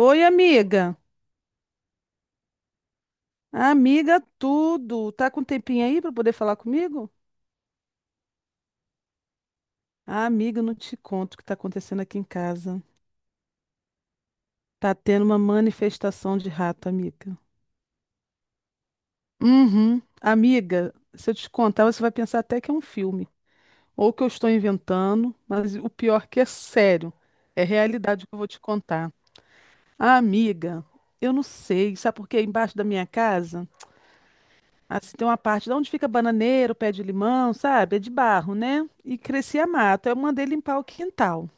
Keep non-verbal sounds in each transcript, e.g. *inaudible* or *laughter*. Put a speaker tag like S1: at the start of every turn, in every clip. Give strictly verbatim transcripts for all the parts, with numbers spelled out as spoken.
S1: Oi, amiga. Amiga, tudo. Tá com um tempinho aí para poder falar comigo? Ah, amiga, eu não te conto o que tá acontecendo aqui em casa. Tá tendo uma manifestação de rato, amiga. Uhum. Amiga, se eu te contar, você vai pensar até que é um filme. Ou que eu estou inventando, mas o pior que é sério. É realidade que eu vou te contar. Ah, amiga, eu não sei. Sabe por quê? Embaixo da minha casa. Assim, tem uma parte de onde fica bananeiro, pé de limão, sabe? É de barro, né? E crescia mato. Eu mandei limpar o quintal.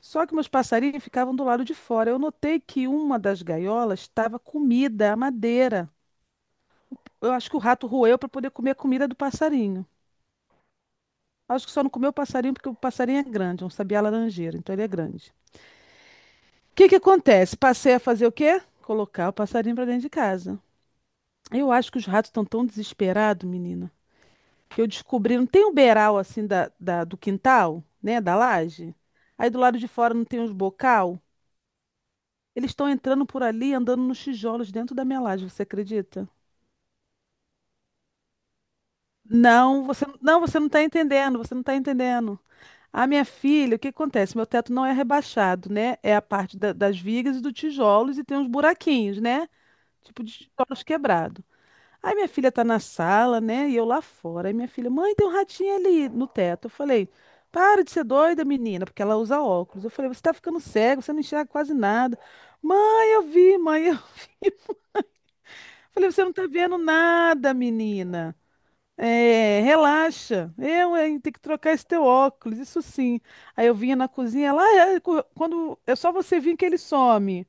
S1: Só que meus passarinhos ficavam do lado de fora. Eu notei que uma das gaiolas estava comida, a madeira. Eu acho que o rato roeu para poder comer a comida do passarinho. Acho que só não comeu o passarinho porque o passarinho é grande, é um sabiá laranjeira, então ele é grande. O que que acontece? Passei a fazer o quê? Colocar o passarinho para dentro de casa. Eu acho que os ratos estão tão desesperados, menina. Que eu descobri, não tem um beiral assim da, da- do quintal, né, da laje? Aí do lado de fora não tem uns bocal? Eles estão entrando por ali, andando nos tijolos dentro da minha laje, você acredita? Não, você não, você não está entendendo, você não está entendendo. A minha filha, o que acontece? Meu teto não é rebaixado, né? É a parte da- das vigas e dos tijolos e tem uns buraquinhos, né? Tipo de tijolos quebrados. Aí minha filha tá na sala, né? E eu lá fora. Aí minha filha, mãe, tem um ratinho ali no teto. Eu falei, para de ser doida, menina, porque ela usa óculos. Eu falei, você tá ficando cego, você não enxerga quase nada. Mãe, eu vi, mãe, eu vi. *laughs* Eu Falei, você não tá vendo nada, menina. É, relaxa. Eu, hein, tenho que trocar esse teu óculos, isso sim. Aí eu vinha na cozinha lá, é, cu- quando é só você vir que ele some.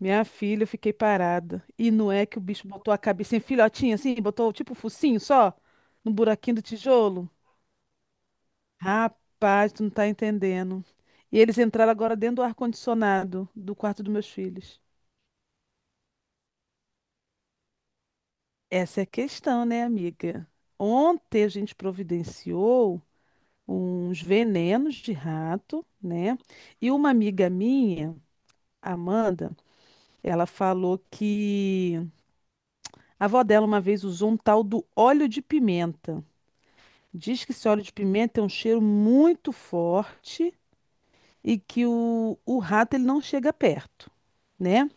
S1: Minha filha, eu fiquei parada. E não é que o bicho botou a cabecinha filhotinha assim, botou tipo o focinho só no buraquinho do tijolo? Rapaz, tu não tá entendendo. E eles entraram agora dentro do ar-condicionado do quarto dos meus filhos. Essa é a questão, né, amiga? Ontem a gente providenciou uns venenos de rato, né? E uma amiga minha, Amanda, ela falou que a avó dela uma vez usou um tal do óleo de pimenta. Diz que esse óleo de pimenta tem um cheiro muito forte e que o, o rato ele não chega perto, né?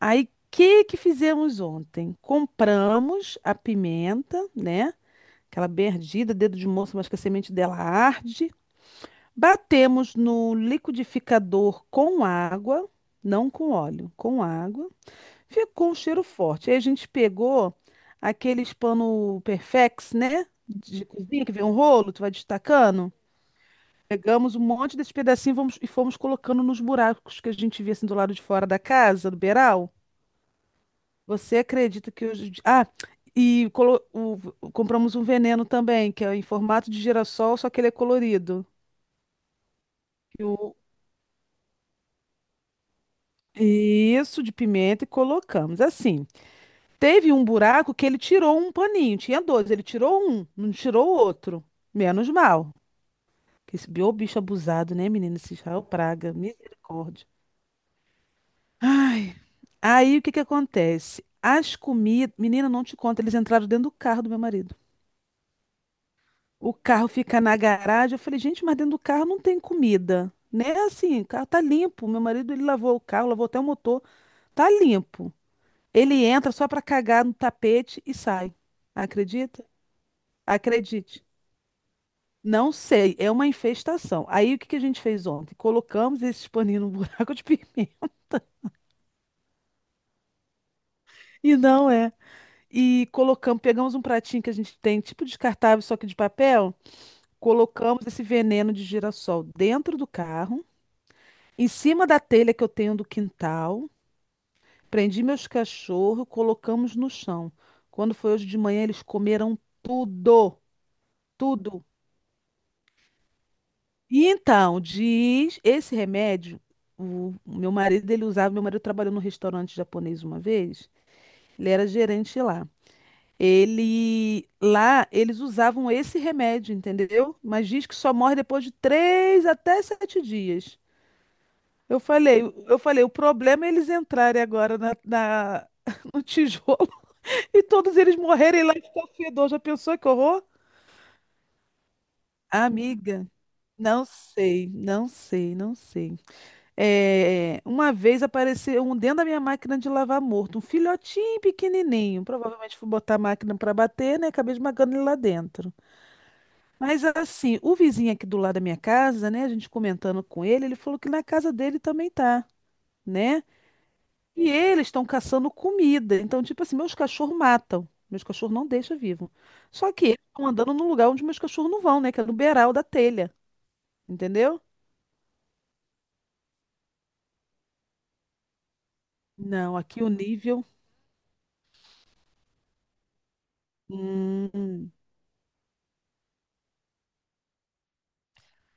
S1: Aí, o que que fizemos ontem? Compramos a pimenta, né? Aquela bem ardida, dedo de moça, mas que a semente dela arde. Batemos no liquidificador com água, não com óleo, com água. Ficou um cheiro forte. Aí a gente pegou aqueles pano Perfex, né? De cozinha que vem um rolo, tu vai destacando. Pegamos um monte desse pedacinho e vamos- e fomos colocando nos buracos que a gente via assim do lado de fora da casa, do beiral. Você acredita que hoje. Em di- Ah, e colo- o- o- compramos um veneno também, que é em formato de girassol, só que ele é colorido. E o- Isso, de pimenta, e colocamos. Assim, teve um buraco que ele tirou um paninho, tinha dois, ele tirou um, não tirou o outro. Menos mal. Que Esse ô bicho abusado, né, menina? Esse Israel Praga, misericórdia. Ai. Aí o que que acontece? As comidas. Menina, não te conta, eles entraram dentro do carro do meu marido. O carro fica na garagem. Eu falei, gente, mas dentro do carro não tem comida. Né? Assim, o carro tá limpo. Meu marido, ele lavou o carro, lavou até o motor. Tá limpo. Ele entra só pra cagar no tapete e sai. Acredita? Acredite. Não sei, é uma infestação. Aí o que que a gente fez ontem? Colocamos esse paninho no *laughs* buraco de pimenta. E não é. E colocamos, pegamos um pratinho que a gente tem, tipo descartável, só que de papel, colocamos esse veneno de girassol dentro do carro, em cima da telha que eu tenho do quintal, prendi meus cachorros, colocamos no chão. Quando foi hoje de manhã, eles comeram tudo, tudo. E então, diz, esse remédio, o o meu marido, ele usava, meu marido trabalhou num restaurante japonês uma vez, ele era gerente lá. Ele lá eles usavam esse remédio, entendeu? Mas diz que só morre depois de três até sete dias. Eu falei, eu falei, o problema é eles entrarem agora na, na- *laughs* no tijolo *laughs* e todos eles morrerem lá e ficar fedor. Já pensou que horror? Amiga, não sei, não sei, não sei. É, uma vez apareceu um dentro da minha máquina de lavar morto, um filhotinho pequenininho. Provavelmente fui botar a máquina para bater, né? Acabei esmagando ele lá dentro. Mas assim, o vizinho aqui do lado da minha casa, né, a gente comentando com ele, ele falou que na casa dele também tá, né? E eles estão caçando comida. Então, tipo assim, meus cachorros matam. Meus cachorros não deixam vivo. Só que eles estão andando num lugar onde meus cachorros não vão, né? Que é no beiral da telha. Entendeu? Não, aqui o nível. Hum.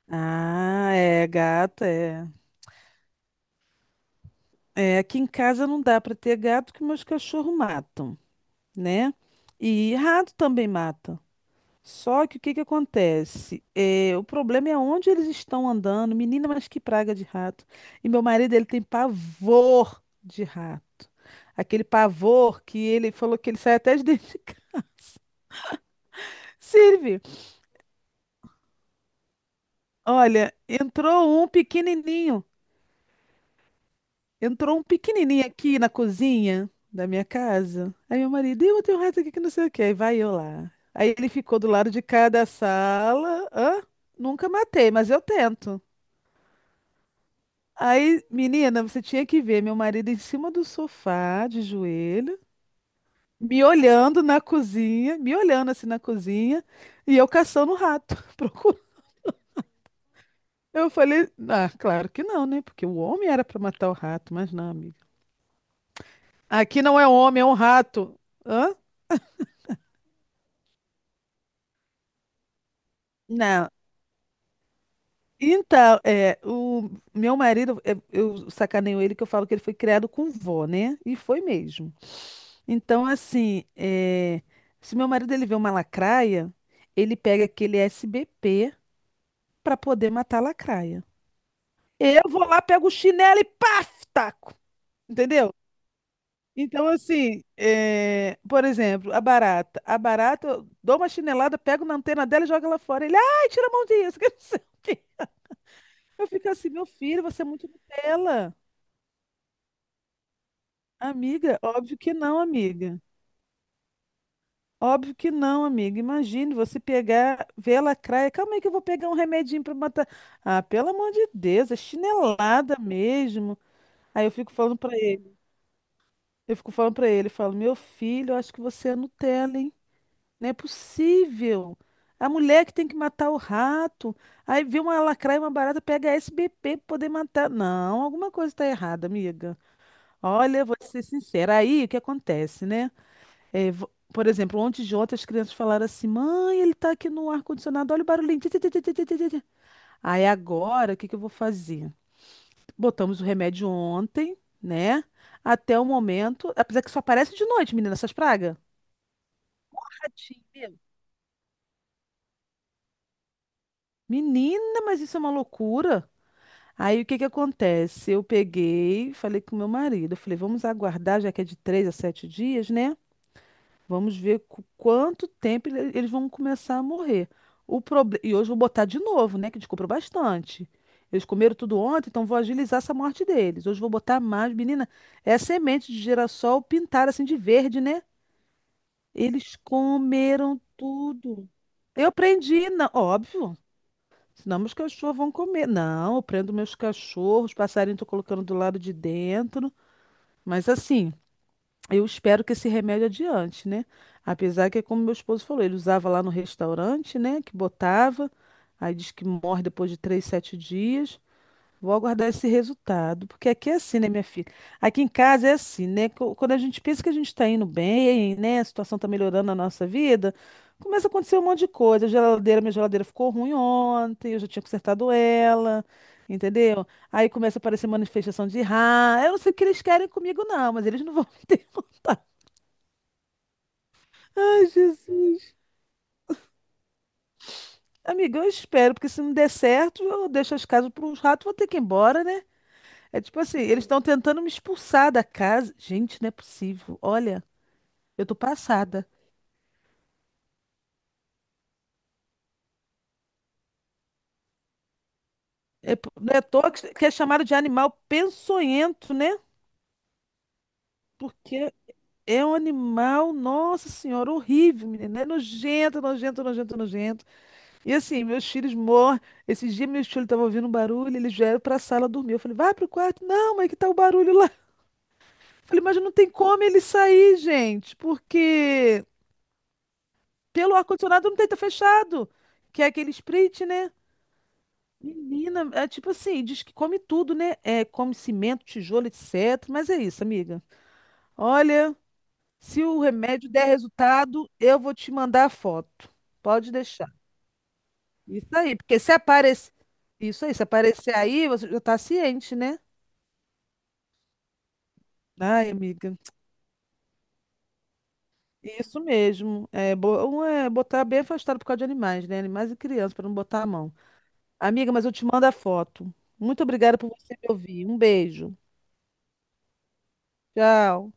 S1: Ah, é, gato, é. É, aqui em casa não dá para ter gato que meus cachorros matam, né? E rato também mata. Só que o que que acontece? É, o problema é onde eles estão andando. Menina, mas que praga de rato. E meu marido, ele tem pavor de rato. Aquele pavor que ele falou que ele sai até de dentro de casa. *laughs* Silvio, olha, entrou um pequenininho. Entrou um pequenininho aqui na cozinha da minha casa. Aí meu marido, eu tenho um rato aqui que não sei o quê. Aí vai eu lá. Aí ele ficou do lado de cada sala. Hã? Nunca matei, mas eu tento. Aí, menina, você tinha que ver meu marido em cima do sofá, de joelho, me olhando na cozinha, me olhando assim na cozinha, e eu caçando o rato, *laughs* procurando. Eu falei, ah, claro que não, né? Porque o homem era para matar o rato, mas não, amiga. Aqui não é homem, é um rato. Hã? Não. Então, é, o meu marido, é, eu sacaneio ele que eu falo que ele foi criado com vó, né? E foi mesmo. Então, assim, é, se meu marido ele vê uma lacraia, ele pega aquele S B P para poder matar a lacraia. Eu vou lá, pego o chinelo e paf, taco. Entendeu? Então, assim, é, por exemplo, a barata. A barata, eu dou uma chinelada, pego na antena dela e jogo ela fora. Ele, ai, tira a mão disso, que não sei o quê. Eu fico assim, meu filho, você é muito Nutella. Amiga, óbvio que não, amiga. Óbvio que não, amiga. Imagine você pegar, ver a lacraia. Calma aí que eu vou pegar um remedinho para matar. Ah, pelo amor de Deus, é chinelada mesmo. Aí eu fico falando para ele, eu fico falando para ele, eu falo, meu filho, eu acho que você é Nutella, hein? Não é possível. A mulher que tem que matar o rato. Aí vê uma lacraia, uma barata, pega a S B P para poder matar. Não, alguma coisa está errada, amiga. Olha, vou ser sincera. Aí o que acontece, né? É, vo- por exemplo, ontem de ontem as crianças falaram assim: mãe, ele tá aqui no ar-condicionado, olha o barulhinho. Ti, ti, ti, ti, ti, ti, ti, ti." Aí agora, o que que eu vou fazer? Botamos o remédio ontem, né? Até o momento. Apesar que só aparece de noite, menina, essas pragas. Tadinho, meu. Menina, mas isso é uma loucura. Aí o que que acontece? Eu peguei, falei com meu marido, eu falei, vamos aguardar, já que é de três a sete dias, né? Vamos ver co- quanto tempo ele- eles vão começar a morrer. O proble... E hoje eu vou botar de novo, né? Que descobriu bastante. Eles comeram tudo ontem, então vou agilizar essa morte deles. Hoje eu vou botar mais. Menina, é semente de girassol pintada assim de verde, né? Eles comeram tudo. Eu prendi, não, óbvio. Senão meus cachorros vão comer. Não, eu prendo meus cachorros, passarinho tô colocando do lado de dentro. Mas assim. Eu espero que esse remédio adiante, né? Apesar que é como meu esposo falou, ele usava lá no restaurante, né? Que botava, aí diz que morre depois de três, sete dias. Vou aguardar esse resultado, porque aqui é assim, né, minha filha? Aqui em casa é assim, né? Co- Quando a gente pensa que a gente está indo bem, né? A situação está melhorando na nossa vida, começa a acontecer um monte de coisa. A geladeira, minha geladeira ficou ruim ontem, eu já tinha consertado ela, entendeu? Aí começa a aparecer manifestação de raiva. Eu não sei o que eles querem comigo, não, mas eles não vão *laughs* me derrotar. Ai, Jesus. Amiga, eu espero, porque se não der certo, eu deixo as casas para uns ratos, vou ter que ir embora, né? É tipo assim, eles estão tentando me expulsar da casa. Gente, não é possível. Olha, eu tô passada. É, po- não é à toa que que é chamado de animal peçonhento, né? Porque é um animal, nossa senhora, horrível, menina. É nojento, nojento, nojento, nojento. E assim, meus filhos morrem. Esses dias meus filhos estavam ouvindo um barulho, eles vieram para a sala dormir. Eu falei, vai pro quarto. Não, mas que tá o barulho lá? Falei, mas não tem como ele sair, gente, porque pelo ar-condicionado não tem tá fechado, que é aquele sprit, né? Menina, é tipo assim, diz que come tudo, né? É, come cimento, tijolo, et cetera. Mas é isso, amiga. Olha, se o remédio der resultado, eu vou te mandar a foto. Pode deixar. Isso aí, porque se aparecer. Isso aí, se aparecer aí, você já tá ciente, né? Ai, amiga. Isso mesmo. É, bo- um é botar bem afastado por causa de animais, né? Animais e crianças, para não botar a mão. Amiga, mas eu te mando a foto. Muito obrigada por você me ouvir. Um beijo. Tchau.